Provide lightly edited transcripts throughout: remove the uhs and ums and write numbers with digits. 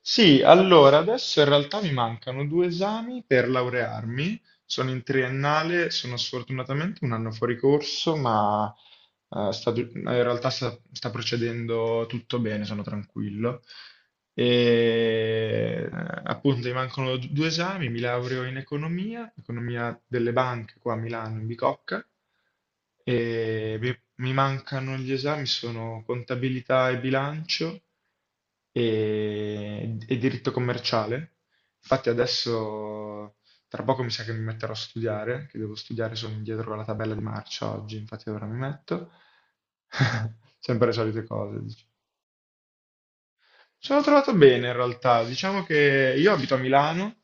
Sì, allora adesso in realtà mi mancano due esami per laurearmi. Sono in triennale, sono sfortunatamente un anno fuori corso, ma in realtà sta procedendo tutto bene, sono tranquillo. E appunto mi mancano due esami, mi laureo in economia, economia delle banche qua a Milano, in Bicocca, e mi mancano gli esami, sono contabilità e bilancio e diritto commerciale. Infatti adesso tra poco mi sa che mi metterò a studiare, che devo studiare, sono indietro con la tabella di marcia oggi, infatti ora mi metto. Sempre le solite cose, dici. Ci sono trovato bene in realtà, diciamo che io abito a Milano,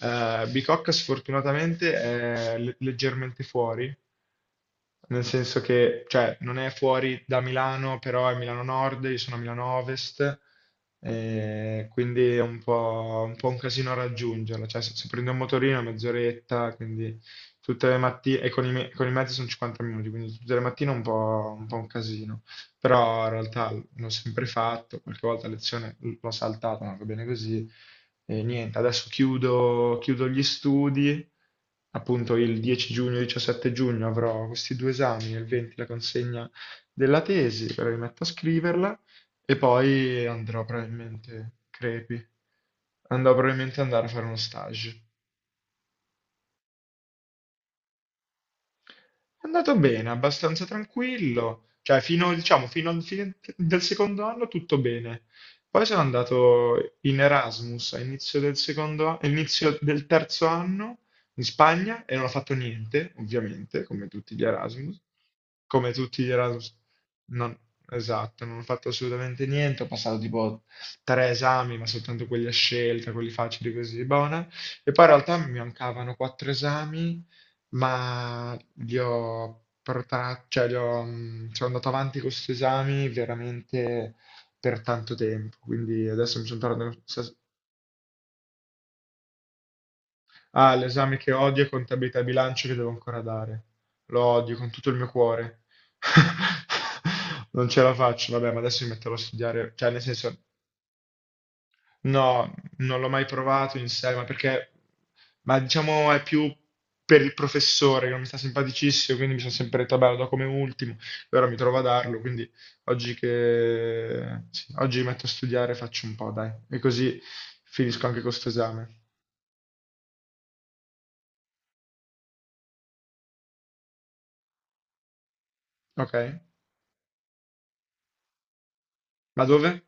Bicocca sfortunatamente è leggermente fuori, nel senso che, cioè, non è fuori da Milano, però è Milano Nord, io sono a Milano Ovest, quindi è un po' un casino raggiungerla. Cioè, se prendo un motorino è mezz'oretta, quindi tutte le mattine, e con i mezzi sono 50 minuti, quindi tutte le mattine è un po' un casino. Però in realtà l'ho sempre fatto, qualche volta a lezione l'ho saltata, ma va bene così. E niente, adesso chiudo gli studi, appunto il 10 giugno, 17 giugno avrò questi due esami, il 20 la consegna della tesi, però mi metto a scriverla e poi crepi, andrò probabilmente ad andare a fare uno stage. È andato bene, abbastanza tranquillo, cioè fino, diciamo, fino al fine del secondo anno tutto bene. Poi sono andato in Erasmus all'inizio del secondo, all'inizio del terzo anno in Spagna e non ho fatto niente, ovviamente, come tutti gli Erasmus. Come tutti gli Erasmus, non, esatto, non ho fatto assolutamente niente, ho passato tipo tre esami, ma soltanto quelli a scelta, quelli facili così, buona. E poi in realtà mi mancavano quattro esami, ma li ho portati, cioè sono andato avanti con questi esami veramente per tanto tempo, quindi adesso mi sono tornato. Ah, l'esame che odio è contabilità e bilancio che devo ancora dare. Lo odio con tutto il mio cuore. Non ce la faccio, vabbè, ma adesso mi metterò a studiare, cioè nel senso. No, non l'ho mai provato in sé, ma diciamo è più per il professore che non mi sta simpaticissimo, quindi mi sono sempre detto, vabbè, lo do come ultimo, e ora mi trovo a darlo, quindi sì, oggi mi metto a studiare, faccio un po', dai, e così finisco anche questo esame. Ok? Ma dove?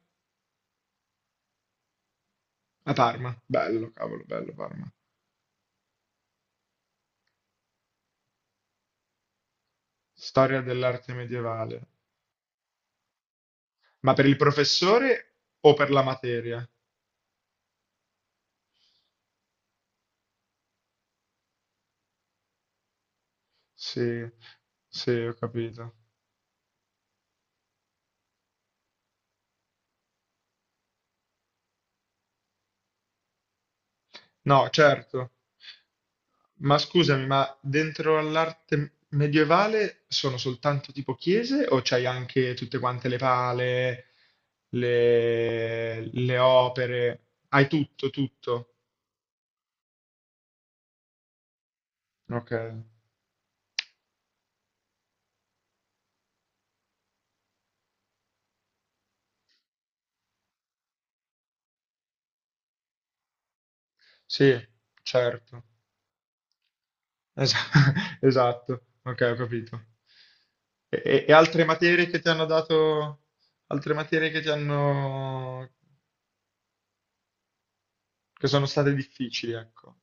A Parma. Bello, cavolo, bello Parma. Storia dell'arte medievale. Ma per il professore o per la materia? Sì, sì, ho capito. No, certo. Ma scusami, ma dentro all'arte medievale sono soltanto tipo chiese o c'hai anche tutte quante le pale, le opere? Hai tutto, tutto. Ok, sì, certo. Esa- esatto, ok, ho capito. E altre materie che ti hanno dato, altre materie che ti hanno, che sono state difficili, ecco.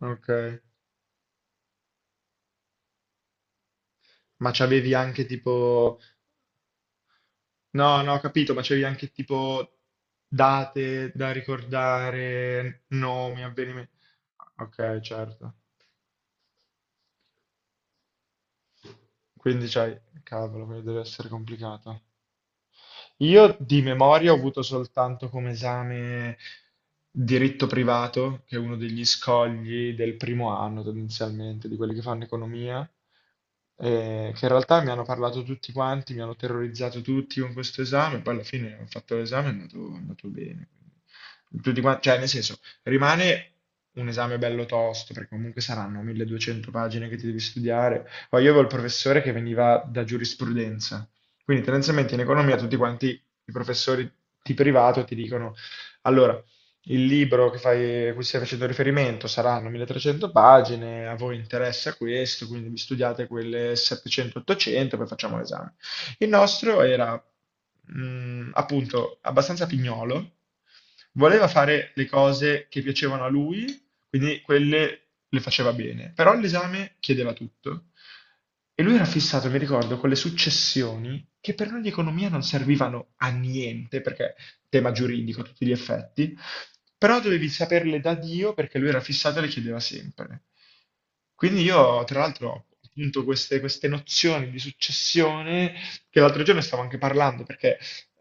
Ok. Ma c'avevi anche tipo. No, no, ho capito, ma c'avevi anche tipo date da ricordare, nomi, avvenimenti. Ok, certo. Quindi c'hai. Cavolo, quello deve essere complicato. Io di memoria ho avuto soltanto come esame diritto privato, che è uno degli scogli del primo anno tendenzialmente, di quelli che fanno economia, che in realtà mi hanno parlato tutti quanti, mi hanno terrorizzato tutti con questo esame, poi alla fine ho fatto l'esame e è andato bene. Quindi cioè nel senso, rimane un esame bello tosto, perché comunque saranno 1200 pagine che ti devi studiare. Poi io avevo il professore che veniva da giurisprudenza, quindi tendenzialmente in economia tutti quanti i professori di privato ti dicono, allora, il libro che fai, a cui stai facendo riferimento saranno 1300 pagine, a voi interessa questo, quindi vi studiate quelle 700-800, poi facciamo l'esame. Il nostro era appunto abbastanza pignolo, voleva fare le cose che piacevano a lui, quindi quelle le faceva bene, però l'esame chiedeva tutto. E lui era fissato, mi ricordo, con le successioni che per noi di economia non servivano a niente, perché tema giuridico a tutti gli effetti, però dovevi saperle da Dio perché lui era fissato e le chiedeva sempre. Quindi io, tra l'altro, ho appunto queste nozioni di successione, che l'altro giorno stavo anche parlando, perché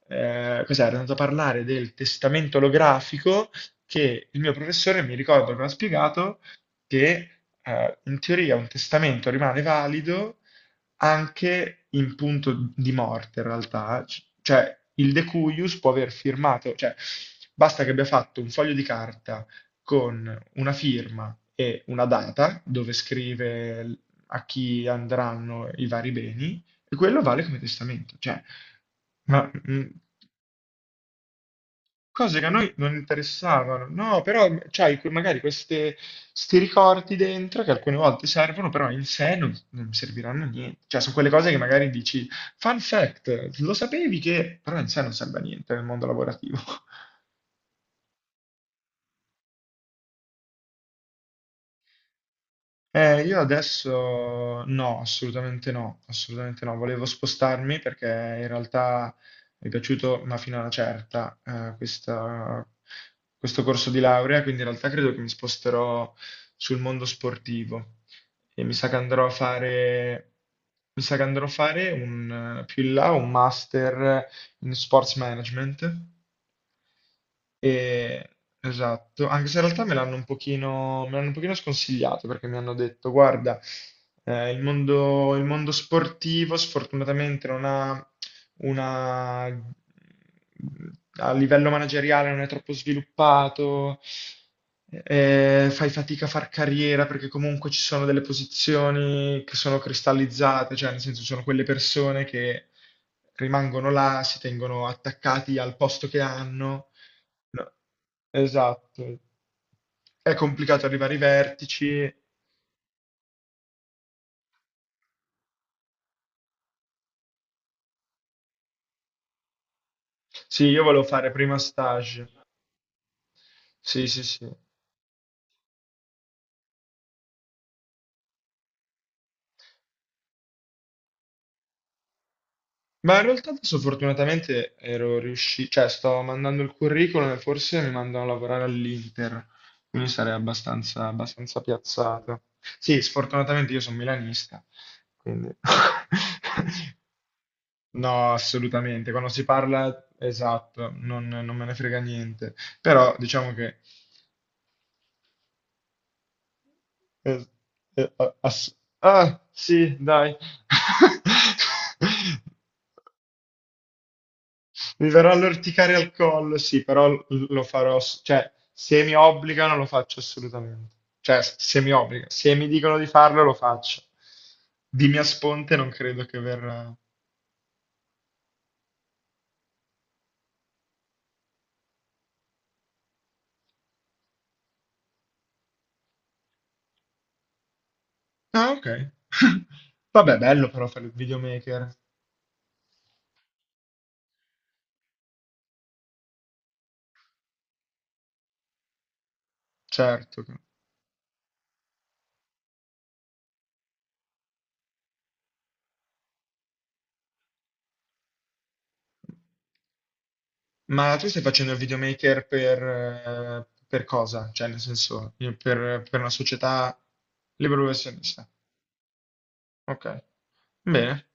cos'era? Ero andato a parlare del testamento olografico, che il mio professore mi ricordo che mi ha spiegato che, in teoria un testamento rimane valido anche in punto di morte, in realtà, cioè il decuius può aver firmato, cioè basta che abbia fatto un foglio di carta con una firma e una data dove scrive a chi andranno i vari beni, e quello vale come testamento, cioè, ma, mm, cose che a noi non interessavano, no, però c'hai magari questi ricordi dentro che alcune volte servono, però in sé non serviranno a niente, cioè sono quelle cose che magari dici, fun fact, lo sapevi che, però in sé non serve a niente nel mondo lavorativo. Io adesso no, assolutamente no, assolutamente no. Volevo spostarmi perché in realtà mi è piaciuto, ma fino a una certa, questo corso di laurea, quindi in realtà credo che mi sposterò sul mondo sportivo e mi sa che andrò a fare, mi sa che andrò a fare un, più in là un master in sports management e- esatto, anche se in realtà me l'hanno un pochino sconsigliato perché mi hanno detto, guarda, il mondo sportivo sfortunatamente non ha una. A livello manageriale non è troppo sviluppato, fai fatica a far carriera perché comunque ci sono delle posizioni che sono cristallizzate, cioè nel senso sono quelle persone che rimangono là, si tengono attaccati al posto che hanno. No, esatto. È complicato arrivare ai vertici. Sì, io volevo fare prima stage. Sì, sì, sì. Ma in realtà adesso fortunatamente ero riuscito, cioè sto mandando il curriculum e forse mi mandano a lavorare all'Inter, quindi sarei abbastanza, abbastanza piazzato. Sì, sfortunatamente io sono milanista, quindi no, assolutamente. Quando si parla, esatto, non me ne frega niente. Però diciamo che Eh, eh, a- ass- sì, dai. Mi verrà l'orticaria al collo, sì, però lo farò, cioè, se mi obbligano lo faccio assolutamente. Cioè, se mi obbligano, se mi dicono di farlo lo faccio. Di mia sponte non credo che verrà. Ah, ok. Vabbè, bello però fare il videomaker, certo. Ma tu stai facendo il videomaker per cosa? Cioè, nel senso, io per una società libero professionista. Ok, bene,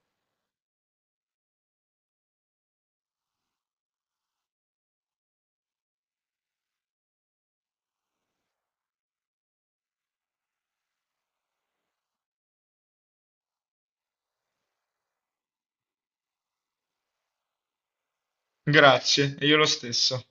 grazie, e io lo stesso.